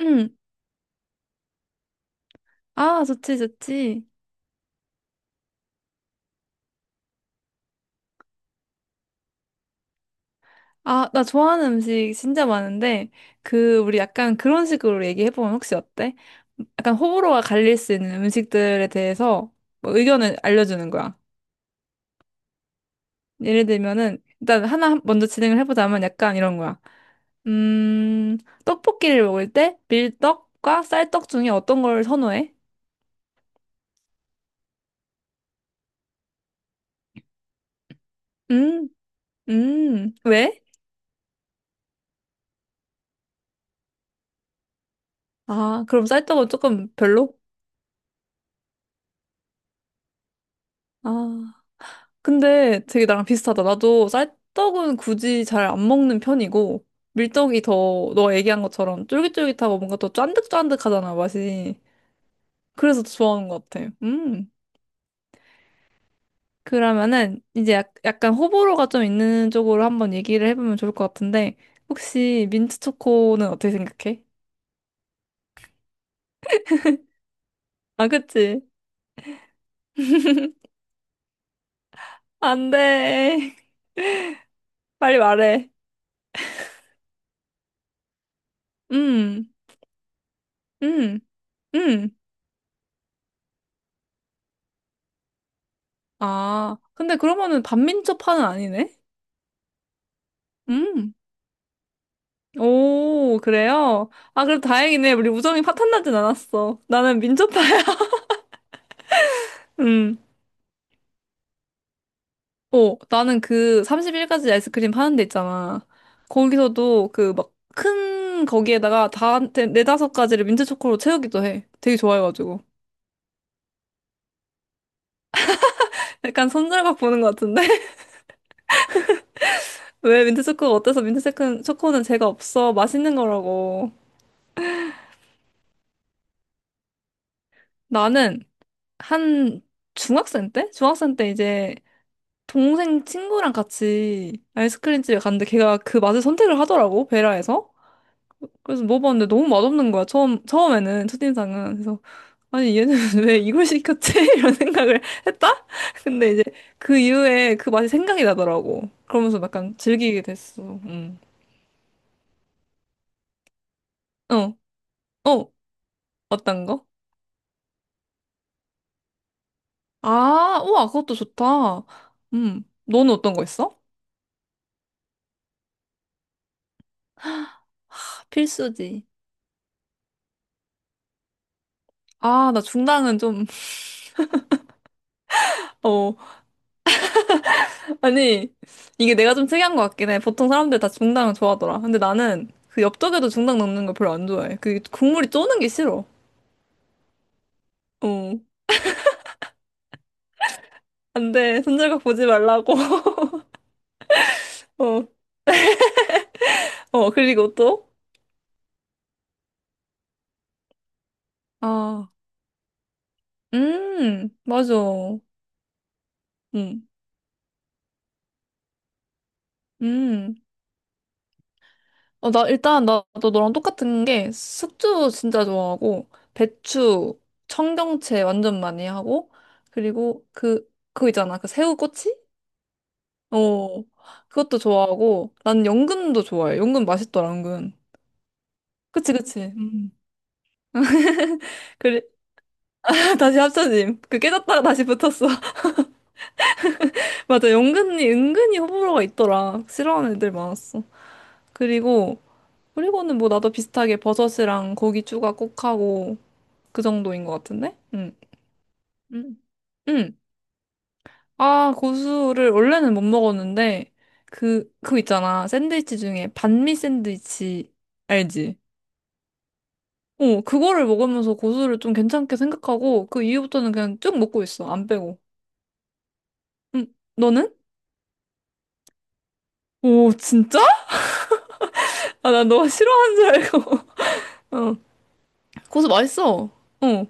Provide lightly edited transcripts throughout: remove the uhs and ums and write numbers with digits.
응. 아, 좋지, 좋지. 아, 나 좋아하는 음식 진짜 많은데, 그, 우리 약간 그런 식으로 얘기해보면 혹시 어때? 약간 호불호가 갈릴 수 있는 음식들에 대해서 뭐 의견을 알려주는 거야. 예를 들면은, 일단 하나 먼저 진행을 해보자면 약간 이런 거야. 음, 떡볶이를 먹을 때 밀떡과 쌀떡 중에 어떤 걸 선호해? 음, 왜? 아, 그럼 쌀떡은 조금 별로? 아. 근데 되게 나랑 비슷하다. 나도 쌀떡은 굳이 잘 안 먹는 편이고, 밀떡이 더, 너 얘기한 것처럼 쫄깃쫄깃하고 뭔가 더 쫀득쫀득하잖아, 맛이. 그래서 더 좋아하는 것 같아. 음. 그러면은, 이제 약간 호불호가 좀 있는 쪽으로 한번 얘기를 해보면 좋을 것 같은데, 혹시 민트 초코는 어떻게 생각해? 아, 그치? 안 돼. 빨리 말해. 음, 음, 음. 아, 근데 그러면은 반민초파는 아니네? 음. 오, 그래요? 아, 그래도 다행이네. 우리 우정이 파탄나진 않았어. 나는 민초파야. 음. 나는 그 31가지 아이스크림 파는 데 있잖아. 거기서도 그 막 큰 거기에다가 다, 네다섯 가지를 민트초코로 채우기도 해. 되게 좋아해가지고. 약간 손절각 보는 것 같은데? 왜 민트초코가 어때서 민트초코는 제가 없어. 맛있는 거라고. 나는 한 중학생 때? 중학생 때 이제 동생 친구랑 같이 아이스크림 집에 갔는데 걔가 그 맛을 선택을 하더라고, 베라에서. 그래서 먹어봤는데 너무 맛없는 거야, 처음에는, 첫인상은. 그래서, 아니, 얘는 왜 이걸 시켰지? 이런 생각을 했다? 근데 이제 그 이후에 그 맛이 생각이 나더라고. 그러면서 약간 즐기게 됐어. 음. 어, 어, 어떤 거? 아, 우와, 그것도 좋다. 너는 어떤 거 있어? 필수지. 아, 나 중당은 좀, 어. 아니, 이게 내가 좀 특이한 것 같긴 해. 보통 사람들 다 중당을 좋아하더라. 근데 나는 그 엽떡에도 중당 넣는 걸 별로 안 좋아해. 그 국물이 쪼는 게 싫어. 어. 안 돼. 손절각 보지 말라고. 어. 그리고 또? 아, 맞아. 음, 음. 나 일단 나도 너랑 똑같은 게 숙주 진짜 좋아하고, 배추, 청경채 완전 많이 하고, 그리고 그, 그거 있잖아. 그 새우꼬치? 어, 그것도 좋아하고, 난 연근도 좋아해. 연근 맛있더라, 연근. 그치, 그치. 음. 그래, 다시 합쳐짐. 그 깨졌다가 다시 붙었어. 맞아, 연근이, 은근히 호불호가 있더라. 싫어하는 애들 많았어. 그리고, 그리고는 뭐 나도 비슷하게 버섯이랑 고기 추가 꼭 하고, 그 정도인 것 같은데? 응. 응. 응. 아, 고수를 원래는 못 먹었는데, 그거 있잖아. 샌드위치 중에 반미 샌드위치, 알지? 그거를 먹으면서 고수를 좀 괜찮게 생각하고 그 이후부터는 그냥 쭉 먹고 있어. 안 빼고. 응, 너는? 오, 진짜? 아, 나 너 싫어하는 줄 알고. 어. 고수 맛있어. 어.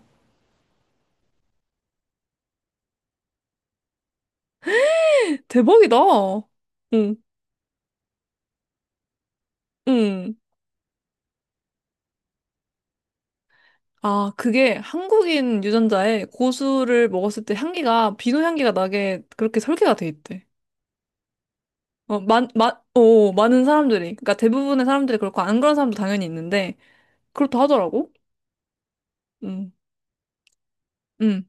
대박이다. 응, 응. 아, 그게 한국인 유전자에 고수를 먹었을 때 향기가, 비누 향기가 나게 그렇게 설계가 돼 있대. 어, 많은 사람들이. 그러니까 대부분의 사람들이 그렇고 안 그런 사람도 당연히 있는데, 그렇다 하더라고. 응, 응.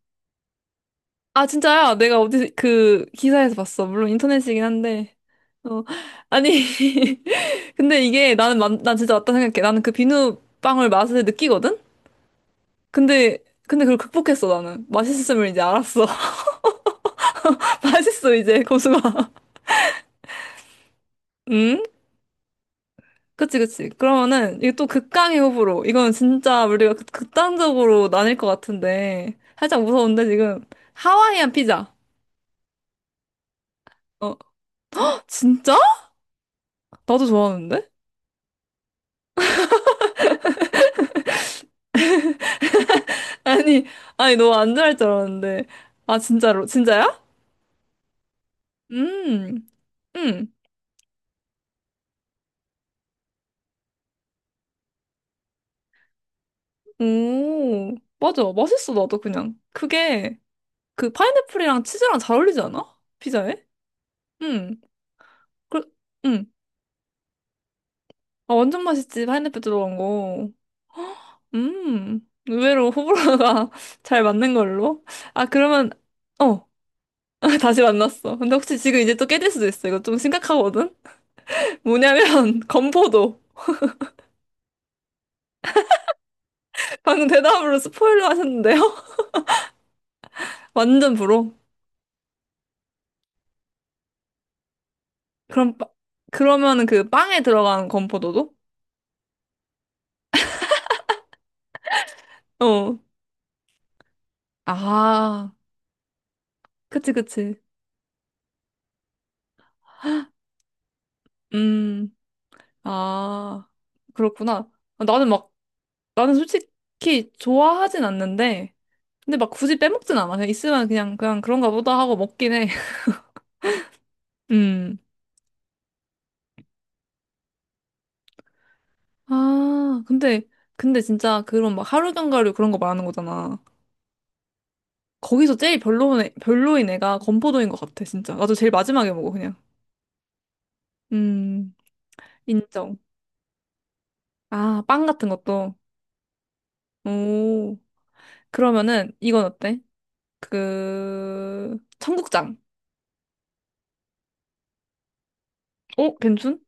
아, 진짜야. 내가 어디, 그, 기사에서 봤어. 물론 인터넷이긴 한데. 어, 아니. 근데 이게 나는, 난 진짜 맞다 생각해. 나는 그 비누빵을 맛을 느끼거든? 근데, 근데 그걸 극복했어, 나는. 맛있음을 이제 알았어. 맛있어, 이제, 고수가. 응? 그치, 그치. 그러면은, 이게 또 극강의 호불호. 이건 진짜 우리가 극단적으로 나뉠 것 같은데. 살짝 무서운데, 지금. 하와이안 피자. 어, 진짜? 나도 좋아하는데? 아니, 아니, 너 안 좋아할 줄 알았는데. 아, 진짜로, 진짜야? 음, 음, 오, 맞아. 맛있어, 나도 그냥. 그게, 그 파인애플이랑 치즈랑 잘 어울리지 않아? 피자에? 음, 그, 음. 아, 완전 맛있지, 파인애플 들어간 거. 의외로 호불호가 잘 맞는 걸로. 아, 그러면, 어, 다시 만났어. 근데 혹시 지금 이제 또 깨질 수도 있어. 이거 좀 심각하거든? 뭐냐면, 건포도. 방금 대답으로 스포일러 하셨는데요? 완전 불호. 그럼, 빠- 그러면은 그 빵에 들어간 건포도도? 어. 아, 그치, 그치. 음, 아, 그렇구나. 아, 나는 솔직히 좋아하진 않는데, 근데 막 굳이 빼먹진 않아. 그냥 있으면 그냥 그런가 보다 하고 먹긴 해. 음. 아, 근데 진짜 그런 막 하루 견과류 그런 거 말하는 거잖아. 거기서 제일 별로인, 별로인 애가 건포도인 것 같아, 진짜. 나도 제일 마지막에 먹어, 그냥. 음, 인정. 아, 빵 같은 것도. 오, 그러면은 이건 어때? 그 청국장. 어, 괜춘?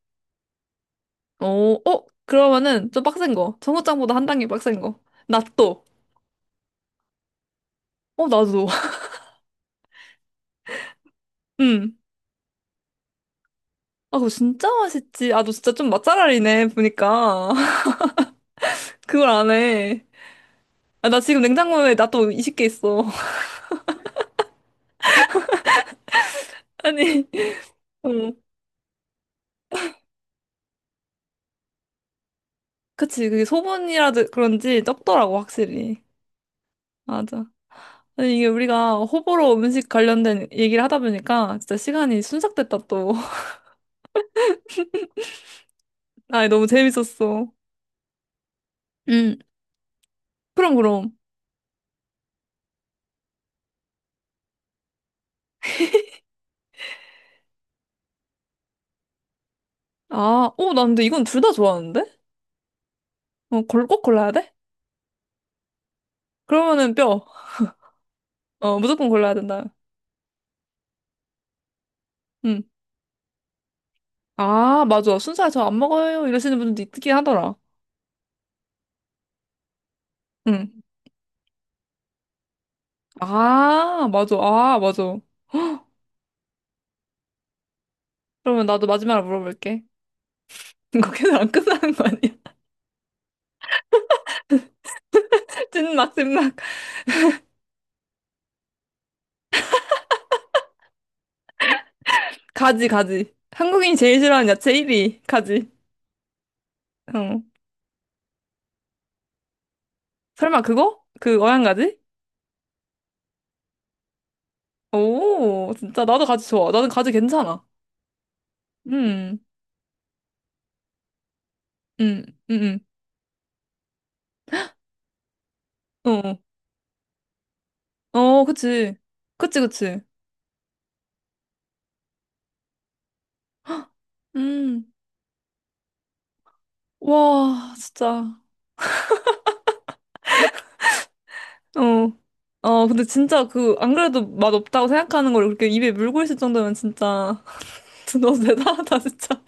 어, 어, 그러면은 좀 빡센 거. 청국장보다 한 단계 빡센 거.納豆. 어, 나도. 음. 아, 그거 진짜 맛있지. 아, 너 진짜 좀 맛잘알이네, 보니까. 그걸 안 해. 아, 나 지금 냉장고에 나또 20개 있어. 아니, 어. 그치, 그게 소분이라든 그런지 적더라고, 확실히. 맞아. 아니, 이게 우리가 호불호 음식 관련된 얘기를 하다 보니까 진짜 시간이 순삭됐다, 또. 아이, 너무 재밌었어. 응, 그럼, 그럼. 아, 오, 나 근데 이건 둘 다 좋아하는데? 골 꼭 골라야 돼? 그러면은 뼈. 무조건 골라야 된다. 응. 아, 맞아. 순살 저 안 먹어요. 이러시는 분도 있긴 하더라. 응. 아, 맞아. 아, 맞아. 그러면 나도 마지막으로 물어볼게. 이거 계속 안 끝나는 거 아니야? 찐막, 찐막. 가지, 가지. 한국인이 제일 싫어하는 야채 1위. 가지. 응. 설마 그거? 그 어양가지? 오, 진짜. 나도 가지 좋아. 나는 가지 괜찮아. 음. 응, 응, 응. 어, 어, 어, 그치. 그치, 그치. 음, 와, 진짜. 어, 어, 근데 진짜 그, 안 그래도 맛없다고 생각하는 걸 그렇게 입에 물고 있을 정도면 진짜, 너무 대단하다, 진짜.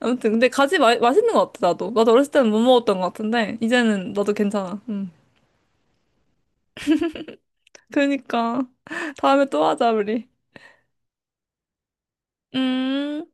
아무튼, 근데 가지 맛있는 것 같아, 나도. 나도 어렸을 때는 못 먹었던 것 같은데, 이제는 나도 괜찮아. 음. 그니까. 다음에 또 하자, 우리. 음.